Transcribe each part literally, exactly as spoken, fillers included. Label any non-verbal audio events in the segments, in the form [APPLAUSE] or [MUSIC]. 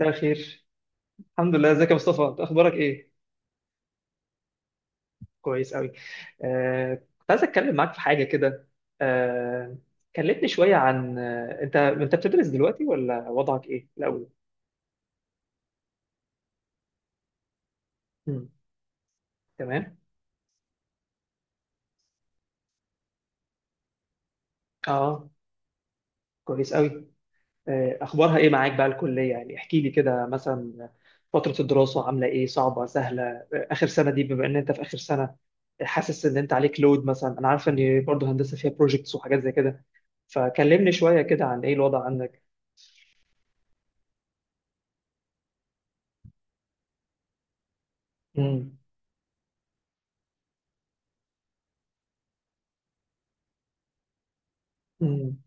مساء الخير. الحمد لله، ازيك يا مصطفى؟ انت اخبارك ايه؟ كويس قوي. آه كنت عايز اتكلم معاك في حاجه كده. آه كلمني شويه عن آه انت انت بتدرس دلوقتي ولا وضعك ايه الاول؟ مم. تمام. اه، كويس قوي. آه اخبارها ايه معاك بقى الكليه؟ يعني احكي لي كده مثلا، فتره الدراسه عامله ايه، صعبه سهله؟ آه اخر سنه دي، بما ان انت في اخر سنه، حاسس ان انت عليك لود مثلا؟ انا عارف ان برضه هندسه فيها بروجكتس وحاجات زي كده، فكلمني شويه كده عن ايه الوضع عندك. مم. مم.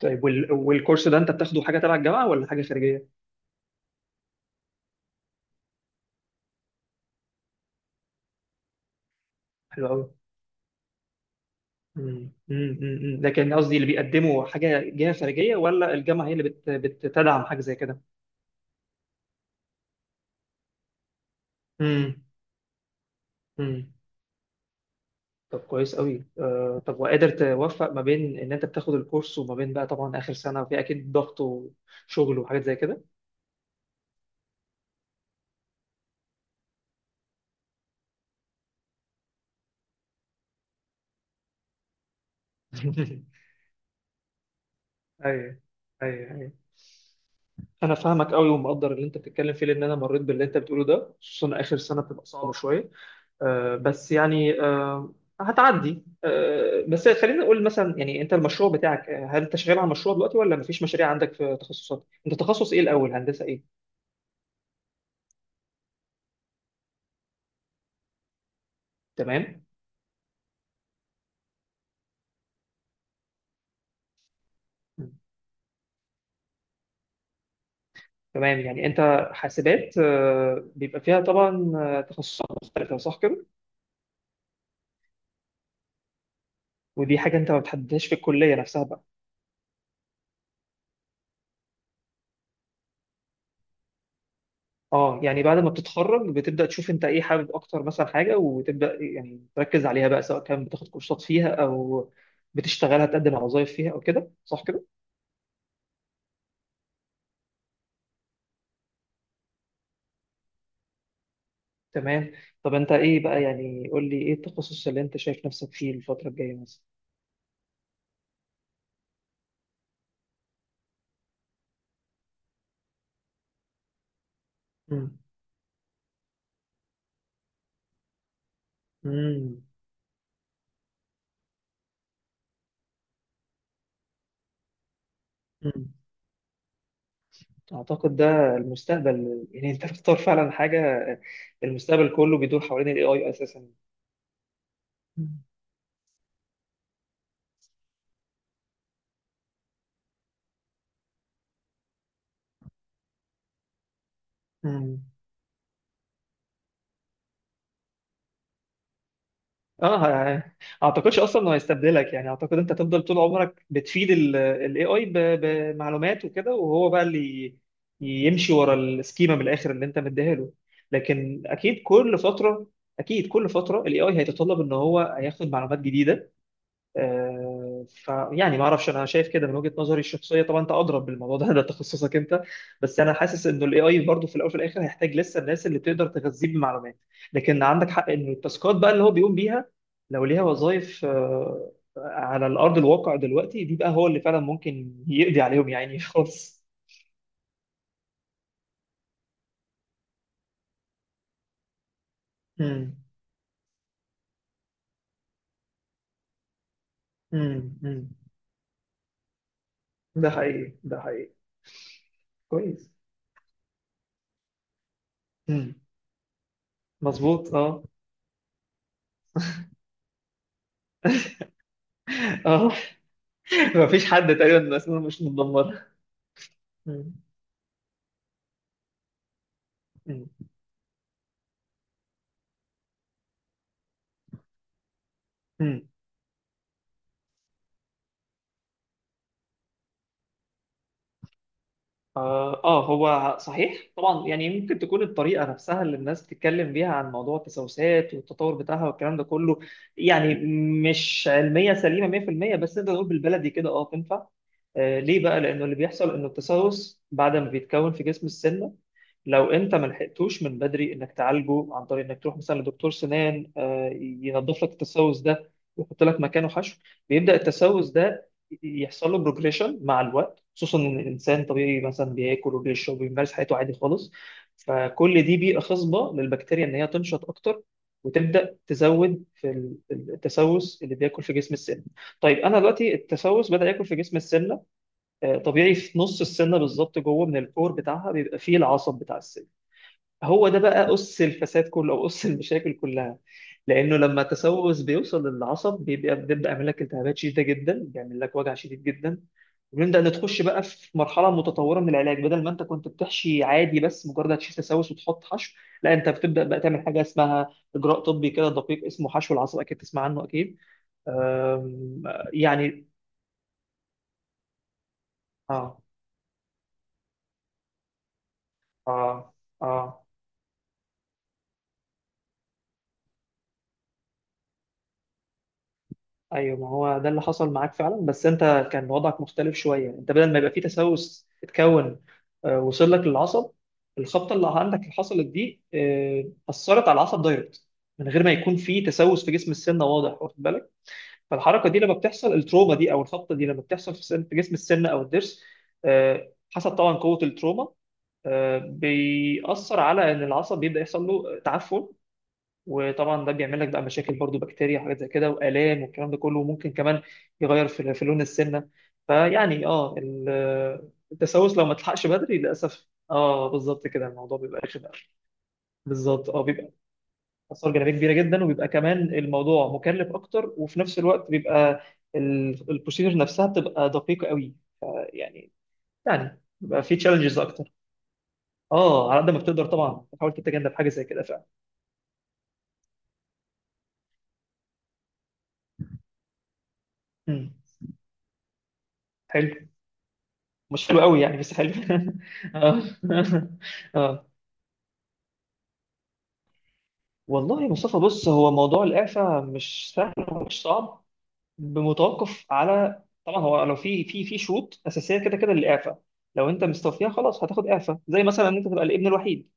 طيب، وال... والكورس ده انت بتاخده حاجه تبع الجامعه ولا حاجه خارجيه؟ حلو قوي. مم. مم. مم. لكن قصدي اللي بيقدموا حاجه جهه خارجيه، ولا الجامعه هي اللي بت... بتدعم حاجه زي كده؟ مم. مم. طب كويس قوي. آه طب وقادر توفق ما بين ان انت بتاخد الكورس وما بين بقى طبعا اخر سنه، وفي اكيد ضغط وشغل وحاجات زي كده؟ [LAUGHS] ايوه. ايوه، ايوه. انا فاهمك قوي ومقدر اللي انت بتتكلم فيه، لان انا مريت باللي انت بتقوله ده، خصوصا اخر سنه بتبقى صعبه شويه. آه، بس يعني آه، هتعدي. آه، بس خلينا نقول مثلا، يعني انت المشروع بتاعك، آه، هل انت شغال على مشروع دلوقتي ولا مفيش مشاريع عندك في تخصصات؟ انت تخصص ايه الاول، هندسة ايه؟ تمام. مم. تمام. يعني انت حاسبات، آه، بيبقى فيها طبعا آه، تخصصات مختلفة، صح كده؟ ودي حاجة انت ما بتحددهاش في الكلية نفسها بقى؟ اه، يعني بعد ما بتتخرج بتبدأ تشوف انت ايه حابب اكتر مثلا حاجة، وتبدأ يعني تركز عليها بقى، سواء كان بتاخد كورسات فيها او بتشتغلها، تقدم على وظائف فيها او كده، صح كده؟ تمام. طب انت ايه بقى، يعني قول لي ايه التخصص اللي انت شايف نفسك فيه الفترة الجاية مثلا؟ مم. مم. مم. اعتقد ده المستقبل، يعني انت بتختار فعلا حاجة المستقبل. كله بيدور حوالين الاي اي اساسا. مم. مم. اه، يعني اعتقدش اصلا انه هيستبدلك، يعني اعتقد انت هتفضل طول عمرك بتفيد الاي اي بمعلومات وكده، وهو بقى اللي يمشي ورا السكيما من الاخر اللي انت مديها له. لكن اكيد كل فتره اكيد كل فتره الاي اي هيتطلب ان هو هياخد معلومات جديده. فيعني ما اعرفش، انا شايف كده من وجهة نظري الشخصيه طبعا، انت اضرب بالموضوع ده [LAUGHS] ده تخصصك انت. بس انا حاسس انه الاي اي برضه في الاول وفي الاخر هيحتاج لسه الناس اللي تقدر تغذيه بمعلومات. لكن عندك حق ان التاسكات بقى اللي هو بيقوم بيها، لو ليها وظائف آه، على الارض الواقع دلوقتي دي، بقى هو اللي فعلا ممكن يقضي عليهم يعني [LAUGHS] خالص. امم. امم. أمم. ده حقيقي، ده حقيقي. كويس. امم. مظبوط، اه. اه. [LAUGHS] مفيش حد تقريبا، الناس مش متدمره. أمم. أمم. أمم. آه، آه، هو صحيح طبعا. يعني ممكن تكون الطريقة نفسها اللي الناس بتتكلم بيها عن موضوع التسوسات والتطور بتاعها والكلام ده كله، يعني مش علمية سليمة مية في المية، بس نقدر نقول بالبلدي كده آه تنفع. آه، ليه بقى؟ لانه اللي بيحصل انه التسوس بعد ما بيتكون في جسم السنه، لو انت ما لحقتوش من بدري انك تعالجه عن طريق انك تروح مثلا لدكتور سنان آه، ينظف لك التسوس ده ويحط لك مكانه حشو، بيبدا التسوس ده يحصل له بروجريشن مع الوقت، خصوصا ان الانسان طبيعي مثلا بياكل وبيشرب وبيمارس حياته عادي خالص، فكل دي بيئه خصبه للبكتيريا ان هي تنشط اكتر وتبدا تزود في التسوس اللي بياكل في جسم السن. طيب، انا دلوقتي التسوس بدا ياكل في جسم السن، آه، طبيعي في نص السنه بالظبط، جوه من الكور بتاعها بيبقى فيه العصب بتاع السن. هو ده بقى قص الفساد كله او قص المشاكل كلها، لانه لما التسوس بيوصل للعصب بيبقى بنبدا يعمل لك التهابات شديده جدا، بيعمل لك وجع شديد جدا، ونبدا نتخش بقى في مرحله متطوره من العلاج. بدل ما انت كنت بتحشي عادي بس مجرد هتشيل تسوس وتحط حشو، لا انت بتبدا بقى تعمل حاجه اسمها اجراء طبي كده دقيق، اسمه حشو العصب، اكيد تسمع عنه اكيد. أم، يعني اه. اه. اه. ايوه، ما هو ده اللي حصل معاك فعلا، بس انت كان وضعك مختلف شويه. انت بدل ما يبقى فيه تسوس اتكون آه، وصل لك للعصب. الخبطه اللي عندك اللي حصلت دي آه، اثرت على العصب دايركت من غير ما يكون فيه تسوس في جسم السنه، واضح؟ واخد بالك؟ فالحركه دي لما بتحصل، التروما دي او الخبطه دي لما بتحصل في سن- في جسم السنه او الضرس، آه، حسب طبعا قوه التروما، آه، بيأثر على ان العصب بيبدا يحصل له تعفن. وطبعا ده بيعمل لك بقى مشاكل برضو، بكتيريا وحاجات زي كده والام والكلام ده كله، وممكن كمان يغير في في لون السنه. فيعني اه، ال- التسوس لو ما تلحقش بدري للاسف، اه بالظبط كده، الموضوع بيبقى رخم قوي. بالظبط اه، بيبقى اثار جانبيه كبيره جدا، وبيبقى كمان الموضوع مكلف اكتر، وفي نفس الوقت بيبقى ال- البروسيجر نفسها بتبقى دقيقه قوي. يعني يعني بيبقى في تشالنجز اكتر. اه، على قد ما بتقدر طبعا تحاول تتجنب حاجه زي كده فعلا. مم. حلو. مش حلو قوي يعني، بس حلو. [LAUGHS] اه. اه. والله يا مصطفى، بص، هو موضوع الإعفاء مش سهل ومش صعب، بمتوقف على طبعا، هو لو في في في شروط أساسية كده كده للإعفاء، لو أنت مستوفيها خلاص هتاخد إعفاء، زي مثلا إن أنت تبقى الابن الوحيد،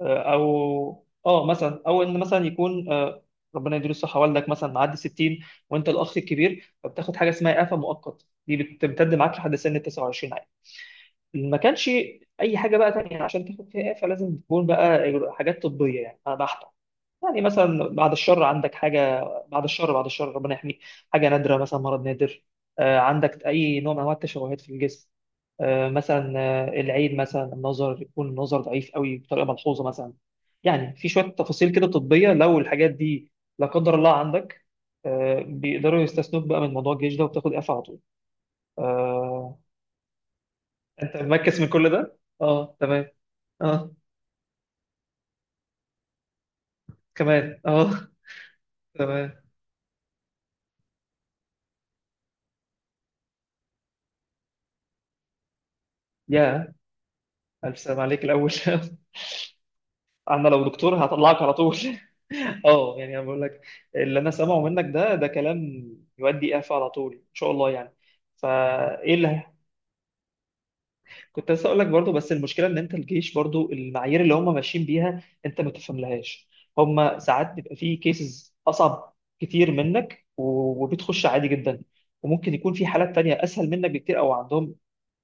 آه، أو أه مثلا، أو إن مثلا يكون آه، ربنا يديله الصحة والدك مثلا معدي ستين وأنت الأخ الكبير، فبتاخد حاجة اسمها إعفاء مؤقت، دي بتمتد معاك لحد سن تسعة وعشرين. ما كانش اي حاجه بقى تانية عشان تاخد فيها اعفاء، لازم تكون بقى حاجات طبيه يعني بحته، يعني مثلا بعد الشر عندك حاجه، بعد الشر، بعد الشر ربنا يحميك، حاجه نادره، مثلا مرض نادر، آه، عندك اي نوع من انواع التشوهات في الجسم، آه، مثلا آه، العين مثلا النظر، يكون النظر ضعيف قوي بطريقه ملحوظه مثلا. يعني في شويه تفاصيل كده طبيه، لو الحاجات دي لا قدر الله عندك، آه، بيقدروا يستثنوك بقى من موضوع الجيش ده وبتاخد إيه اعفاء على طول. آه، انت مركز من كل ده؟ اه تمام. اه كمان اه. تمام. يا الف سلام عليك الاول. [LAUGHS] انا لو دكتور هطلعك على طول. [LAUGHS] اه، يعني انا بقول لك، اللي انا سامعه منك ده ده كلام يودي اعفاء على طول ان شاء الله يعني. فايه اللي هي- كنت لسه اقول لك برضو، بس المشكله ان انت الجيش برضو المعايير اللي هم ماشيين بيها انت ما تفهملهاش. هم ساعات بيبقى فيه كيسز اصعب كتير منك، و- وبتخش عادي جدا، وممكن يكون في حالات تانية اسهل منك بكتير، او عندهم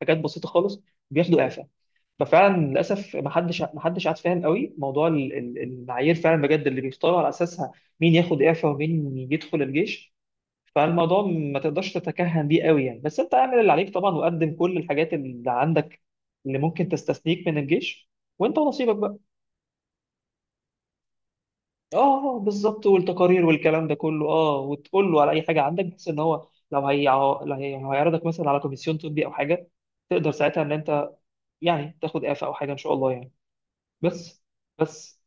حاجات بسيطه خالص بياخدوا اعفاء. ففعلا للاسف ما حدش ما حدش قاعد فاهم قوي موضوع ال- ال- المعايير فعلا بجد اللي بيختاروا على اساسها مين ياخد اعفاء ومين يدخل الجيش. فالموضوع ما تقدرش تتكهن بيه قوي يعني، بس انت اعمل اللي عليك طبعا، وقدم كل الحاجات اللي عندك اللي ممكن تستثنيك من الجيش، وانت ونصيبك بقى. اه بالظبط، والتقارير والكلام ده كله، اه، وتقول له على اي حاجه عندك، بحيث ان هو لو هي لو هي- لو هيعرضك مثلا على كوميسيون طبي او حاجه، تقدر ساعتها ان انت يعني تاخد اعفاء او حاجه ان شاء الله يعني. بس. بس.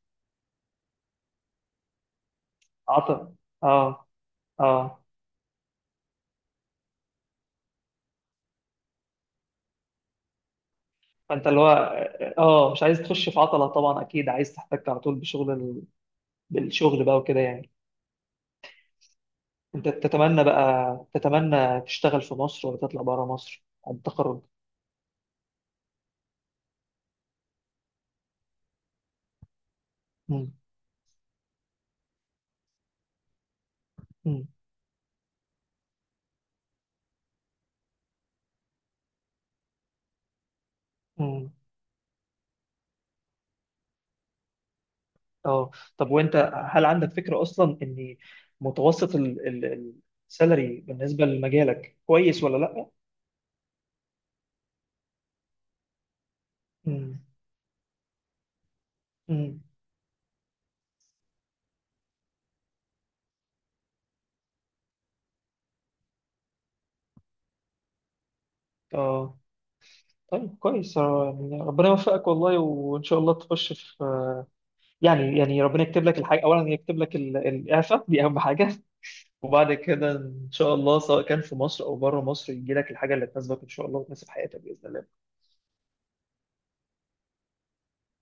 عطل. اه. اه. فانت اللي هو اه مش عايز تخش في عطلة طبعا، اكيد عايز تحتك على طول بشغل ال... بالشغل بقى وكده يعني. انت تتمنى بقى، تتمنى تشتغل في مصر ولا تطلع بره مصر بعد التخرج؟ مم. مم. مم. اه. طب وانت، هل عندك فكرة اصلا ان متوسط ال... ال... السالري بالنسبة لمجالك كويس ولا لا؟ مم. مم. اه. طيب كويس، آه، يعني ربنا يوفقك والله، وان شاء الله تخش في، يعني يعني ربنا يكتب لك الحاجة، أولا يكتب لك ال- الإعفاء دي أهم حاجة. [LAUGHS] وبعد كده إن شاء الله، سواء كان في مصر أو بره مصر، يجي لك الحاجة اللي تناسبك إن شاء الله، وتناسب حياتك بإذن الله.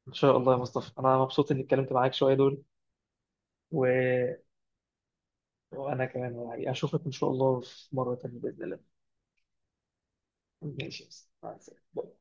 إن شاء الله يا مصطفى، أنا مبسوط إني اتكلمت معاك شوية دول. و... وأنا كمان يعني أشوفك إن شاء الله في مرة تانية بإذن الله. ماشي يا مصطفى، مع السلامة.